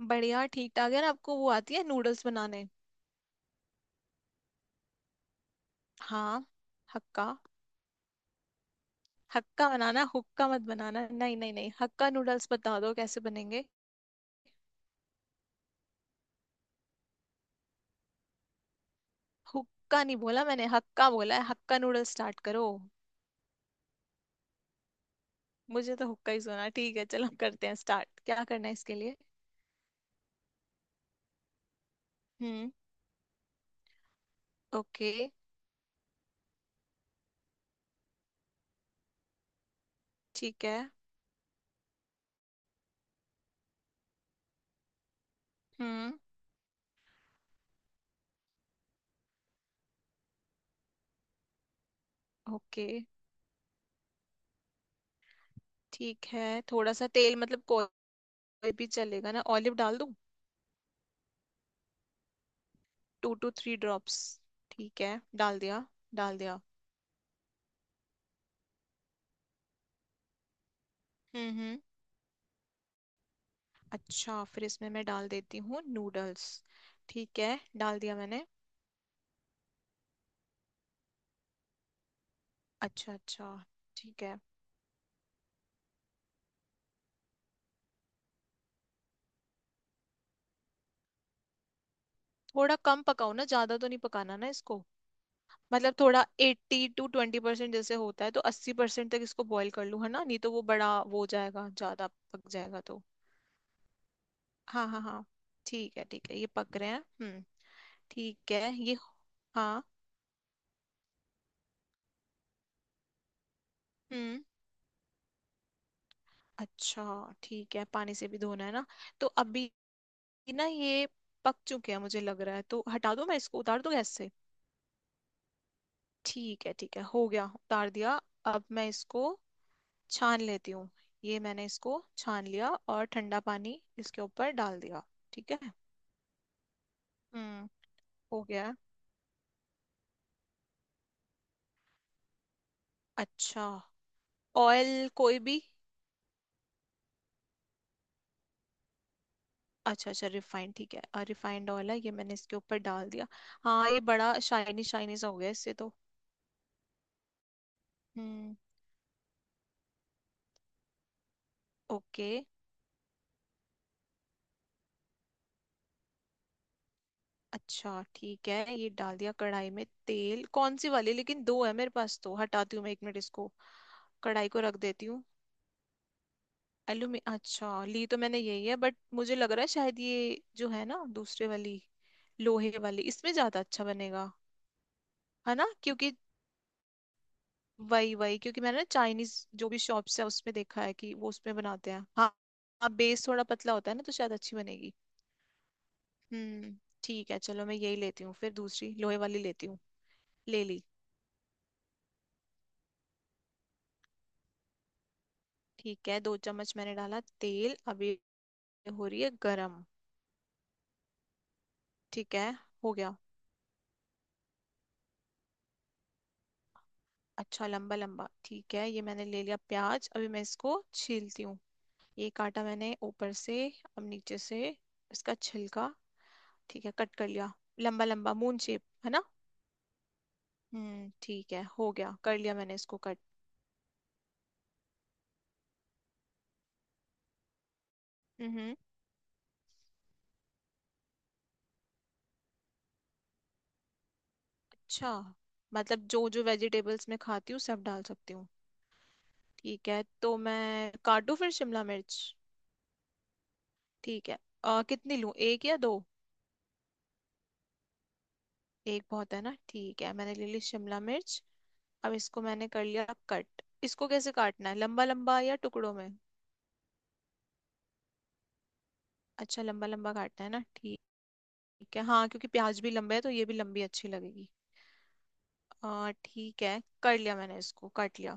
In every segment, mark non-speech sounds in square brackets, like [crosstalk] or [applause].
बढ़िया ठीक ठाक है ना। आपको वो आती है नूडल्स बनाने? हाँ। हक्का हक्का बनाना, हुक्का मत बनाना। नहीं नहीं नहीं, हक्का नूडल्स बता दो कैसे बनेंगे। हुक्का नहीं बोला मैंने, हक्का बोला है। हक्का नूडल्स स्टार्ट करो। मुझे तो हुक्का ही सुना। ठीक है चलो हम करते हैं स्टार्ट, क्या करना है इसके लिए? हम्म। ओके। ठीक है। हम्म। ओके। ठीक है थोड़ा सा तेल मतलब कोई भी चलेगा ना? ऑलिव डाल दूं? Two two three drops. ठीक है डाल दिया। डाल दिया। हम्म। हम्म। अच्छा फिर इसमें मैं डाल देती हूँ नूडल्स। ठीक है डाल दिया मैंने। अच्छा अच्छा। ठीक है। थोड़ा कम पकाओ ना, ज्यादा तो नहीं पकाना ना इसको। मतलब थोड़ा एट्टी टू ट्वेंटी परसेंट जैसे होता है, तो 80% तक इसको बॉईल कर लूँ है ना, नहीं तो वो बड़ा वो हो जाएगा, ज्यादा पक जाएगा तो। हाँ हाँ हाँ ठीक है ठीक है, ये पक रहे हैं। ठीक है ये। हाँ। हम्म। अच्छा ठीक है, पानी से भी धोना है ना? तो अभी ना ये पक चुके हैं मुझे लग रहा है, तो हटा दूं मैं इसको, उतार दूं गैस से। ठीक है हो गया, उतार दिया। अब मैं इसको छान लेती हूँ। ये मैंने इसको छान लिया और ठंडा पानी इसके ऊपर डाल दिया। ठीक है। हम्म। हो गया है। अच्छा, ऑयल कोई भी? अच्छा अच्छा रिफाइंड, ठीक है। रिफाइंड ऑयल है, ये मैंने इसके ऊपर डाल दिया। हाँ ये बड़ा शाइनी शाइनी सा हो गया इससे तो। हम्म। ओके। अच्छा ठीक है, ये डाल दिया कढ़ाई में तेल, कौन सी वाली लेकिन? दो है मेरे पास, तो हटाती हूँ मैं एक मिनट इसको, कढ़ाई को रख देती हूँ। एलुमी अच्छा ली तो मैंने, यही है, बट मुझे लग रहा है शायद ये जो है ना दूसरे वाली लोहे वाली इसमें ज्यादा अच्छा बनेगा। है ना? क्योंकि वही वही क्योंकि मैंने ना चाइनीज जो भी शॉप्स है उसमें देखा है कि वो उसमें बनाते हैं। हाँ। हाँ बेस थोड़ा पतला होता है ना, तो शायद अच्छी बनेगी। हम्म। ठीक है चलो मैं यही लेती हूँ, फिर दूसरी लोहे वाली लेती हूँ। ले ली। ठीक है दो चम्मच मैंने डाला तेल, अभी हो रही है गरम। ठीक है हो गया। अच्छा लंबा लंबा ठीक है, ये मैंने ले लिया प्याज, अभी मैं इसको छीलती हूँ। ये काटा मैंने ऊपर से, अब नीचे से, इसका छिलका। ठीक है कट कर लिया, लंबा लंबा मून शेप है ना। ठीक है, हो गया, कर लिया मैंने इसको कट। हम्म। अच्छा, मतलब जो जो वेजिटेबल्स मैं खाती हूँ सब डाल सकती हूँ? ठीक है तो मैं काटूँ फिर शिमला मिर्च। ठीक है। कितनी लूँ, एक या दो? एक बहुत है ना, ठीक है, मैंने ले ली शिमला मिर्च। अब इसको मैंने कर लिया कट, इसको कैसे काटना है, लंबा लंबा या टुकड़ों में? अच्छा लंबा लंबा काटना है ना, ठीक। ठीक है हाँ, क्योंकि प्याज भी लंबे है तो ये भी लंबी अच्छी लगेगी। आ ठीक है कर लिया मैंने, इसको काट लिया।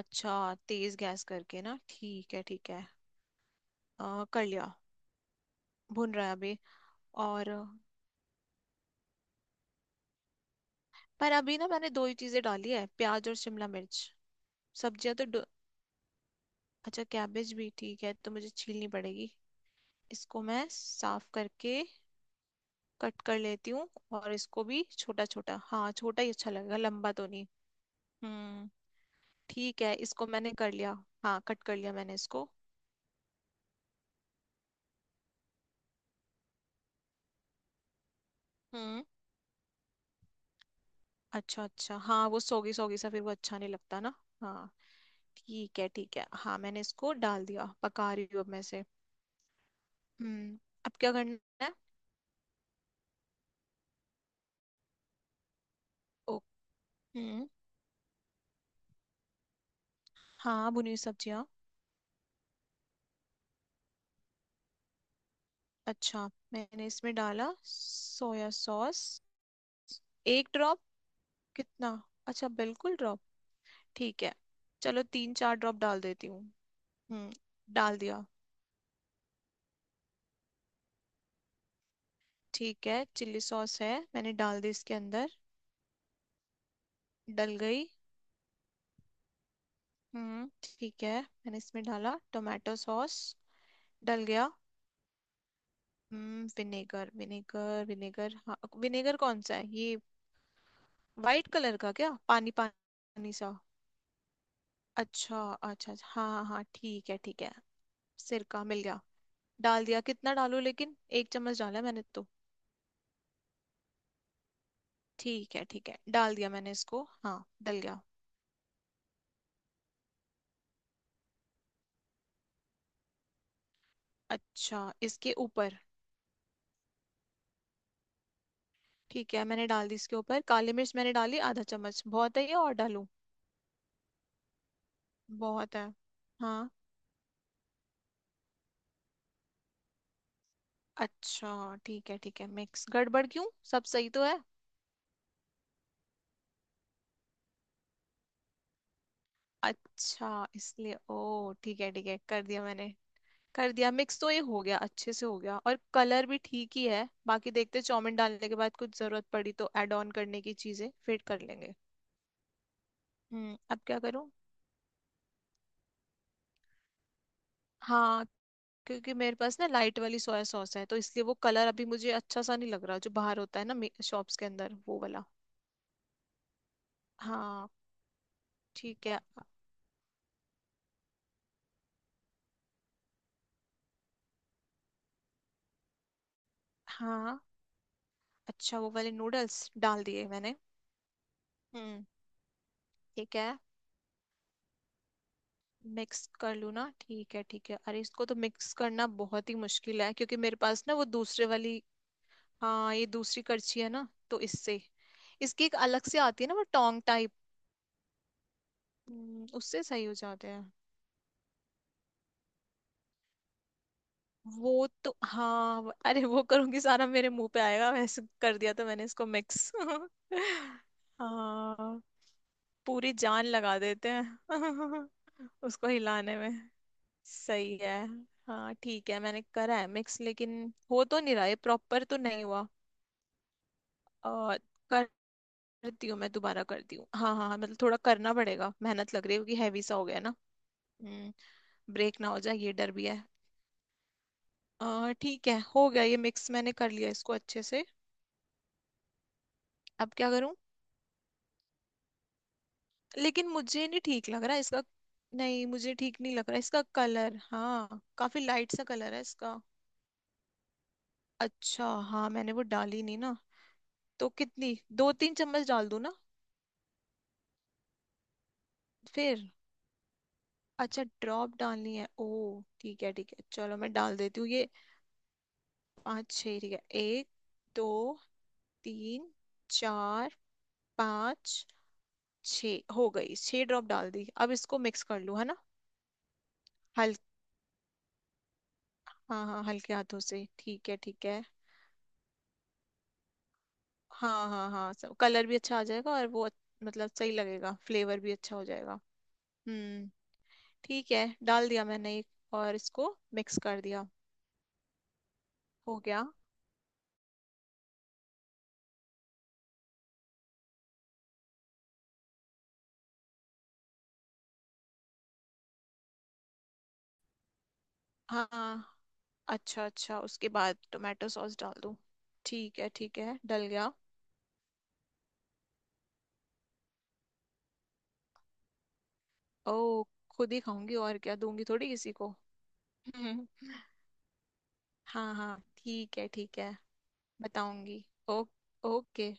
अच्छा तेज गैस करके ना, ठीक है ठीक है। कर लिया। भुन रहा है अभी, और? पर अभी ना मैंने दो ही चीजें डाली है, प्याज और शिमला मिर्च। सब्जियां तो अच्छा कैबेज भी, ठीक है तो मुझे छीलनी पड़ेगी इसको, मैं साफ करके कट कर लेती हूँ। और इसको भी छोटा छोटा, हाँ छोटा ही अच्छा लगेगा लंबा तो नहीं। हम्म। ठीक है इसको मैंने कर लिया। हाँ कट कर लिया मैंने इसको। हम्म। अच्छा अच्छा हाँ, वो सोगी सोगी सा फिर वो अच्छा नहीं लगता ना। हाँ ठीक है ठीक है, हाँ मैंने इसको डाल दिया, पका रही हूँ अब मैं से। हम्म। अब क्या करना है? ओ। हम्म हाँ, भुनी सब्जियाँ। अच्छा, मैंने इसमें डाला सोया सॉस। एक ड्रॉप? कितना? अच्छा बिल्कुल ड्रॉप। ठीक है चलो तीन चार ड्रॉप डाल देती हूँ। हम्म। डाल दिया। ठीक है चिल्ली सॉस है, मैंने डाल दी इसके अंदर। डल गई। ठीक है मैंने इसमें डाला टोमेटो सॉस। डल गया। विनेगर विनेगर विनेगर हाँ। विनेगर कौन सा है ये? वाइट कलर का क्या, पानी पानी सा? अच्छा अच्छा अच्छा, हाँ हाँ हाँ ठीक है ठीक है। सिरका मिल गया। डाल दिया, कितना डालू लेकिन? एक चम्मच डाला मैंने तो। ठीक है डाल दिया मैंने इसको, हाँ डल गया। अच्छा इसके ऊपर? ठीक है मैंने डाल दी इसके ऊपर, काली मिर्च मैंने डाली आधा चम्मच, बहुत है ये और डालूं? बहुत है। हाँ अच्छा ठीक है मिक्स। गड़बड़ क्यों, सब सही तो है। अच्छा इसलिए, ओ ठीक है कर दिया मैंने। कर दिया मिक्स, तो ये हो गया, अच्छे से हो गया और कलर भी ठीक ही है, बाकी देखते चाउमीन डालने के बाद कुछ जरूरत पड़ी तो ऐड ऑन करने की चीजें फिट कर लेंगे। अब क्या करूं? हाँ, क्योंकि मेरे पास ना लाइट वाली सोया सॉस है तो इसलिए वो कलर अभी मुझे अच्छा सा नहीं लग रहा जो बाहर होता है ना शॉप्स के अंदर वो वाला। हाँ। ठीक है। हाँ। अच्छा वो वाले नूडल्स डाल दिए मैंने। हम्म। ठीक है मिक्स कर लूँ ना, ठीक है ठीक है। अरे इसको तो मिक्स करना बहुत ही मुश्किल है क्योंकि मेरे पास ना वो दूसरे वाली, हाँ ये दूसरी करछी है ना तो इससे। इसकी एक अलग से आती है ना, वो टोंग टाइप। उससे सही हो जाते हैं। वो तो हाँ अरे वो करूंगी सारा मेरे मुंह पे आएगा वैसे, कर दिया तो मैंने इसको मिक्स। [laughs] हाँ पूरी जान लगा देते हैं [laughs] उसको हिलाने में। सही है। हाँ ठीक है मैंने करा है मिक्स लेकिन हो तो नहीं रहा है, प्रॉपर तो नहीं हुआ। आ, करती हूँ मैं, दोबारा करती हूँ, हाँ हाँ हाँ, मतलब थोड़ा करना पड़ेगा, मेहनत लग रही है क्योंकि हैवी सा हो गया ना। हम्म। ब्रेक ना हो जाए ये डर भी है। ठीक है हो गया, ये मिक्स मैंने कर लिया इसको अच्छे से। अब क्या करूँ? लेकिन मुझे नहीं ठीक लग रहा इसका, नहीं मुझे ठीक नहीं लग रहा इसका कलर, हाँ काफी लाइट सा कलर है इसका। अच्छा हाँ मैंने वो डाली नहीं ना। तो कितनी, दो तीन चम्मच डाल दूँ ना? फिर अच्छा ड्रॉप डालनी है, ओ ठीक है चलो मैं डाल देती हूँ ये। पाँच छः ठीक है। एक, दो, तीन, चार, पाँच, छः, हो गई, छः ड्रॉप डाल दी, अब इसको मिक्स कर लूँ है ना? हल हाँ हाँ हल्के हाथों से, ठीक है ठीक है। हाँ हाँ हाँ सब, कलर भी अच्छा आ जाएगा और वो मतलब सही लगेगा, फ्लेवर भी अच्छा हो जाएगा। हम्म ठीक है डाल दिया मैंने एक और, इसको मिक्स कर दिया। हो गया। हाँ अच्छा अच्छा, उसके बाद टोमेटो सॉस डाल दूँ? ठीक है डल गया। ओ खुद ही खाऊंगी और क्या, दूंगी थोड़ी किसी को? हम्म। हाँ हाँ ठीक है ठीक है, बताऊंगी। ओ ओके।